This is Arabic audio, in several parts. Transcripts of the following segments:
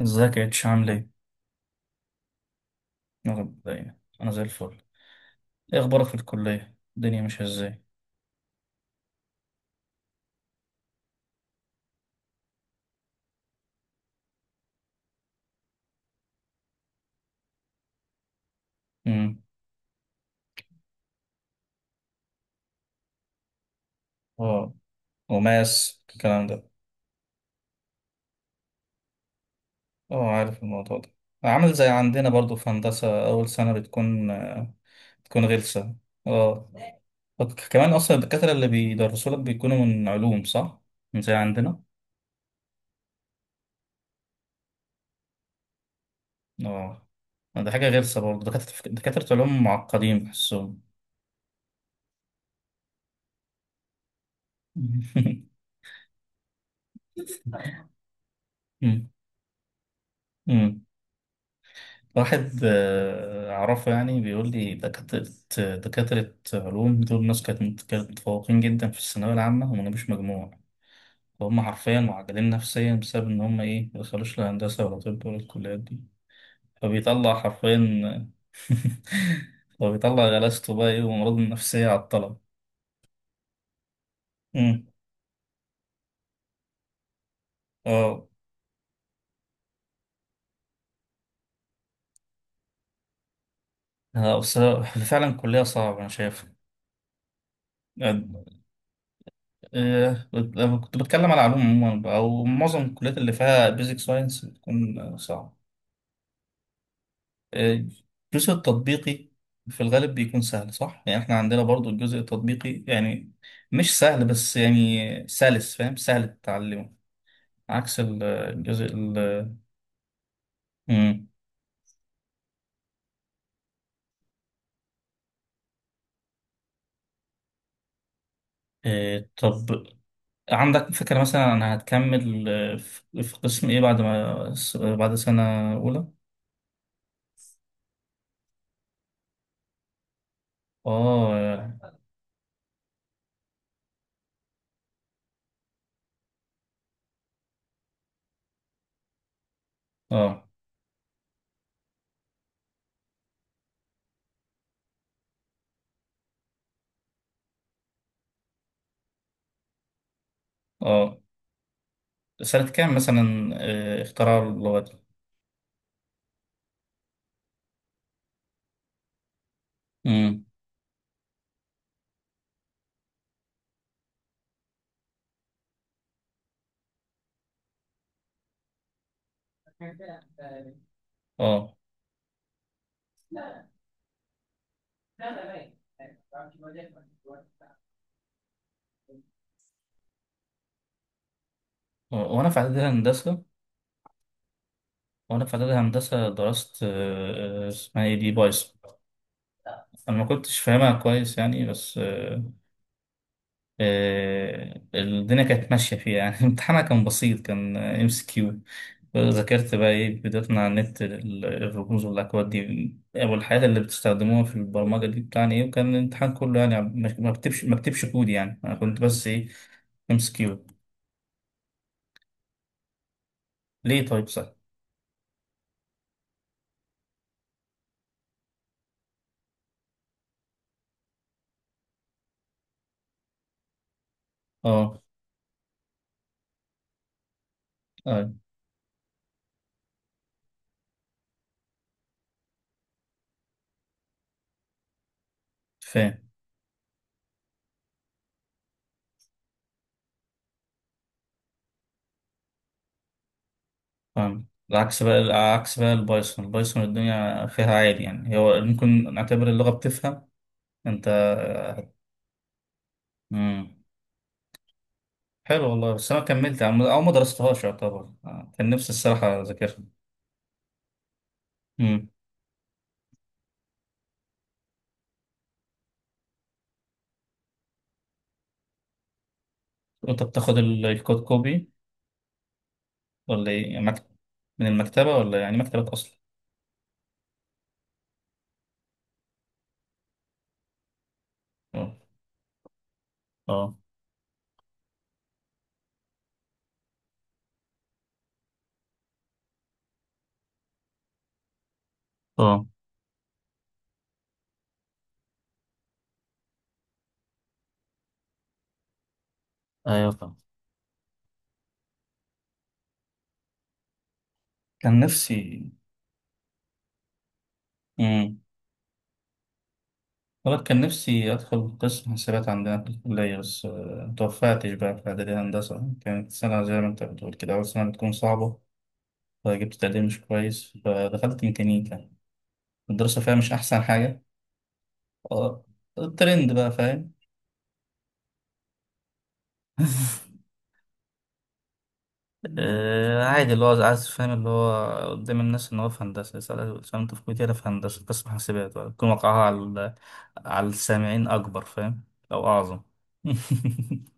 ازيك يا اتش، عامل ايه؟ انا مبدئياً، أنا زي الفل. ايه اخبارك في الكلية؟ الدنيا ماشية ازاي؟ امم. اه. وماس الكلام ده. اه، عارف الموضوع ده. عامل زي عندنا برضو في هندسة، أول سنة بتكون غلسة اه. كمان أصلا الدكاترة اللي بيدرسوا لك بيكونوا من علوم، صح؟ من زي عندنا؟ اه، ده حاجة غلسة برضو، دكاترة دكاترة علوم معقدين بحسهم. امم. واحد أعرفه، يعني بيقول لي دكاترة دكاترة علوم دول ناس كانت متفوقين جدا في الثانوية العامة وما جابوش مجموع، وهم حرفيا معجلين نفسيا بسبب إن هم إيه ما دخلوش لا هندسة ولا طب ولا الكليات دي. فبيطلع حرفيا. فبيطلع غلاسته بقى إيه، وأمراضه النفسية على الطلب. مم. اه. بس فعلا الكلية صعبة أنا شايف. لما كنت بتكلم على علوم عموما بقى، أو معظم الكليات اللي فيها بيزك ساينس بتكون صعبة. الجزء التطبيقي في الغالب بيكون سهل، صح؟ يعني احنا عندنا برضو الجزء التطبيقي، يعني مش سهل، بس يعني سلس، فاهم؟ سهل تتعلمه. عكس الجزء. مم. إيه، طب. عندك فكرة مثلا أنا هتكمل في قسم إيه بعد ما س- بعد سنة أولى؟ آه آه آه سنة كام مثلا؟ اختراع اللغات؟ مم. آه وأنا في إعدادية هندسة. وأنا في إعدادي هندسة درست اسمها إيه دي، بايثون. أنا ما كنتش فاهمها كويس يعني بس الدنيا كانت ماشية فيها يعني. امتحانها كان بسيط، كان MCQ. ذاكرت بقى إيه بدايتنا على النت، الرموز والأكواد دي، أو الحاجات اللي بتستخدموها في البرمجة دي، بتاعني إيه. وكان الامتحان كله يعني ما بكتبش كود، يعني أنا كنت بس إيه، MCQ. ليه طيب، صح؟ أه. أه. فاهم فاهم. العكس بقى العكس بقى، البايثون البايثون، الدنيا فيها عادي، يعني هو ممكن نعتبر اللغة بتفهم انت. مم. حلو والله، بس انا كملت او ما درستهاش يعتبر كان نفسي الصراحة اذاكرها. مم. وانت بتاخد الكود كوبي، ولا ايه؟ يعني من المكتبة، ولا يعني مكتبة اصلا؟ اه. اه. اه. ايوه فاهم. كان نفسي. مم. والله كان نفسي أدخل قسم حسابات عندنا في الكلية، بس متوفقتش بقى. في إعدادي هندسة كانت سنة، زي ما أنت بتقول كده، أول سنة بتكون صعبة، فجبت تقدير مش كويس، فدخلت ميكانيكا. الدراسة فيها مش أحسن حاجة. آه، الترند بقى، فاهم. عادي اللي هو عايز، فاهم؟ اللي هو قدام الناس إن هو في هندسة، يسأل يسأل أنت في كلية إيه؟ أنا في هندسة قسم حسابات، يكون وقعها على السامعين أكبر، فاهم؟ أو أعظم.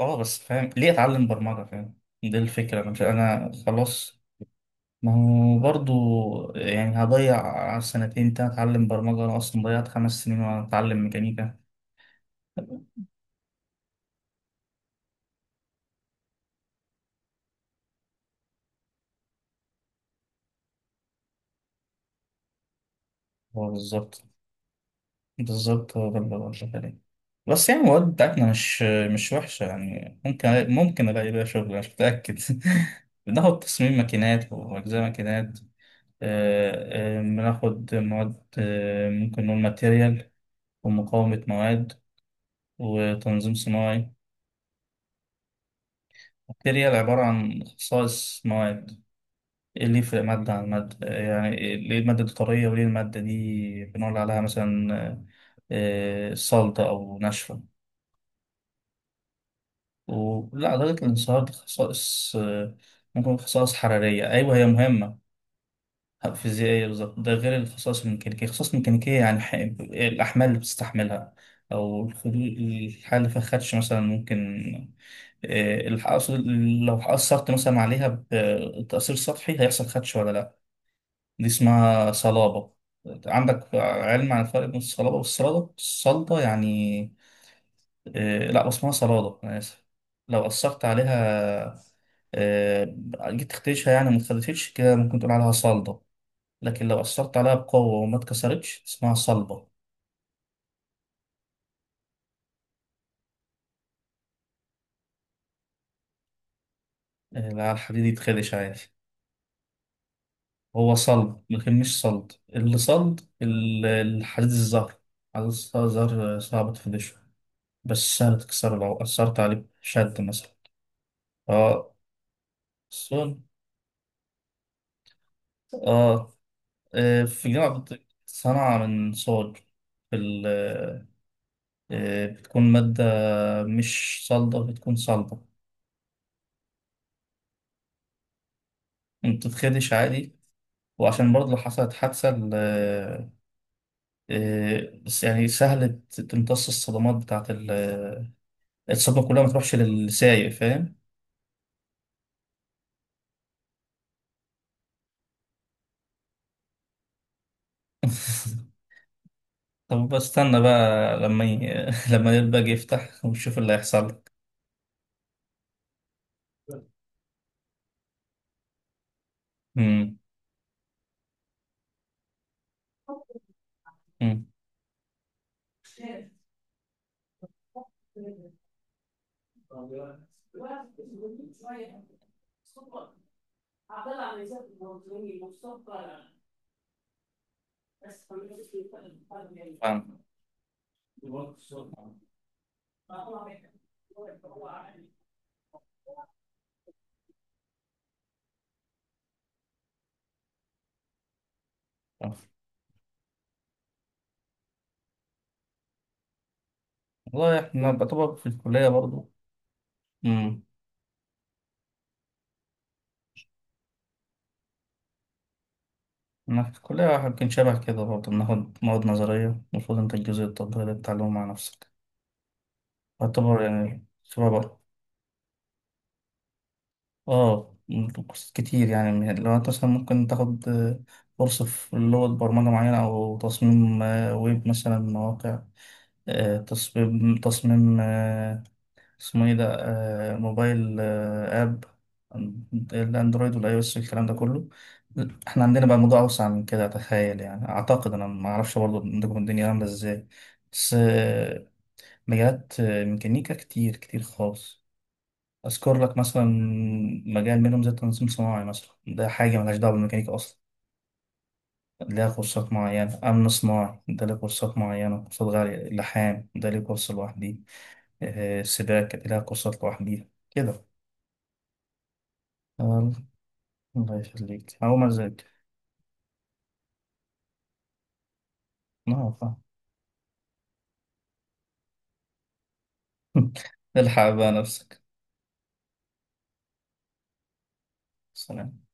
اه بس فاهم، ليه اتعلم برمجة؟ فاهم دي الفكرة، مش انا خلاص. ما هو برضو يعني هضيع سنتين تاني اتعلم برمجة؟ انا اصلا ضيعت 5 سنين وانا اتعلم ميكانيكا. هو بالظبط. بالظبط هو ده اللي بقول عليه. بس يعني المواد بتاعتنا مش وحشة، يعني ممكن ألاقي بيها شغل، أنا مش متأكد. بناخد تصميم ماكينات، وأجزاء ماكينات، بناخد مواد ممكن نقول ماتيريال، ومقاومة مواد، وتنظيم صناعي. البكتيريا عبارة عن خصائص مواد. إيه اللي يفرق مادة عن مادة، يعني ليه المادة دي طرية، وليه المادة دي بنقول عليها مثلا صلدة أو ناشفة؟ ولا درجة الانصهار دي خصائص ممكن خصائص حرارية، أيوة هي مهمة. فيزيائية بالظبط. ده غير الخصائص الميكانيكية. الخصائص الميكانيكية يعني الأحمال اللي بتستحملها، أو الحالة اللي فيها خدش مثلا، ممكن الحقص، لو حقصرت مثلا عليها بتأثير سطحي هيحصل خدش ولا لا. دي اسمها صلابة. عندك علم عن الفرق بين الصلابة والصلادة؟ الصلدة يعني لا، اسمها صلادة، أنا آسف. لو أثرت عليها آه، جيت تخدشها يعني ما اتخدشتش كده، ممكن تقول عليها صلدة. لكن لو أثرت عليها بقوة وما اتكسرتش اسمها صلبة. لا، الحديد يتخدش عادي. هو صلب لكن مش صلد. اللي صلد الحديد الزهر. حديد الزهر، زهر صعب تفنشه، بس سهل تكسره لو أثرت عليه بشد مثلا. اه، صلد. اه. في جامعة صنعة من صلد. في بتكون مادة مش صلدة، بتكون صلبة. ما بتتخدش عادي. وعشان برضه لو حصلت حادثة بس يعني سهل تمتص الصدمات، بتاعت ال- آه، الصدمة كلها ما تروحش للسايق، فاهم. طب بستنى بقى لما الباج يفتح ونشوف اللي هيحصل لك. امم. امم. فاهم فاهم. والله احنا بطبق في الكلية برضو. امم. انا في الكلية يمكن شبه كده برضو، بناخد مواد نظرية. المفروض انت الجزء التطبيقي ده بتتعلمه مع نفسك، يعتبر يعني شبه برضو. اه، كورسات كتير، يعني من لو انت مثلا ممكن تاخد كورس في لغة برمجة معينة، أو تصميم ويب مثلا، مواقع، آه، تصميم تصميم آه، اسمه ايه ده، موبايل اب، الاندرويد والاي او اس والكلام ده كله. احنا عندنا بقى موضوع اوسع من كده، اتخيل، يعني اعتقد. انا ما اعرفش برضه عندكم الدنيا عامله ازاي، بس مجالات ميكانيكا كتير كتير خالص. اذكر لك مثلا مجال منهم زي التنظيم صناعي مثلا، ده حاجه ملهاش دعوه بالميكانيكا اصلا، ليها كورسات معينة. أمن صناعي ده ليه كورسات معينة، كورسات غالية. لحام ده ليه كورس لوحده. السباق كانت لها قصص لوحديها كده. يلا، الله يخليك، هقوم أذاكر. نعم فاهم. الحق بقى نفسك. سلام.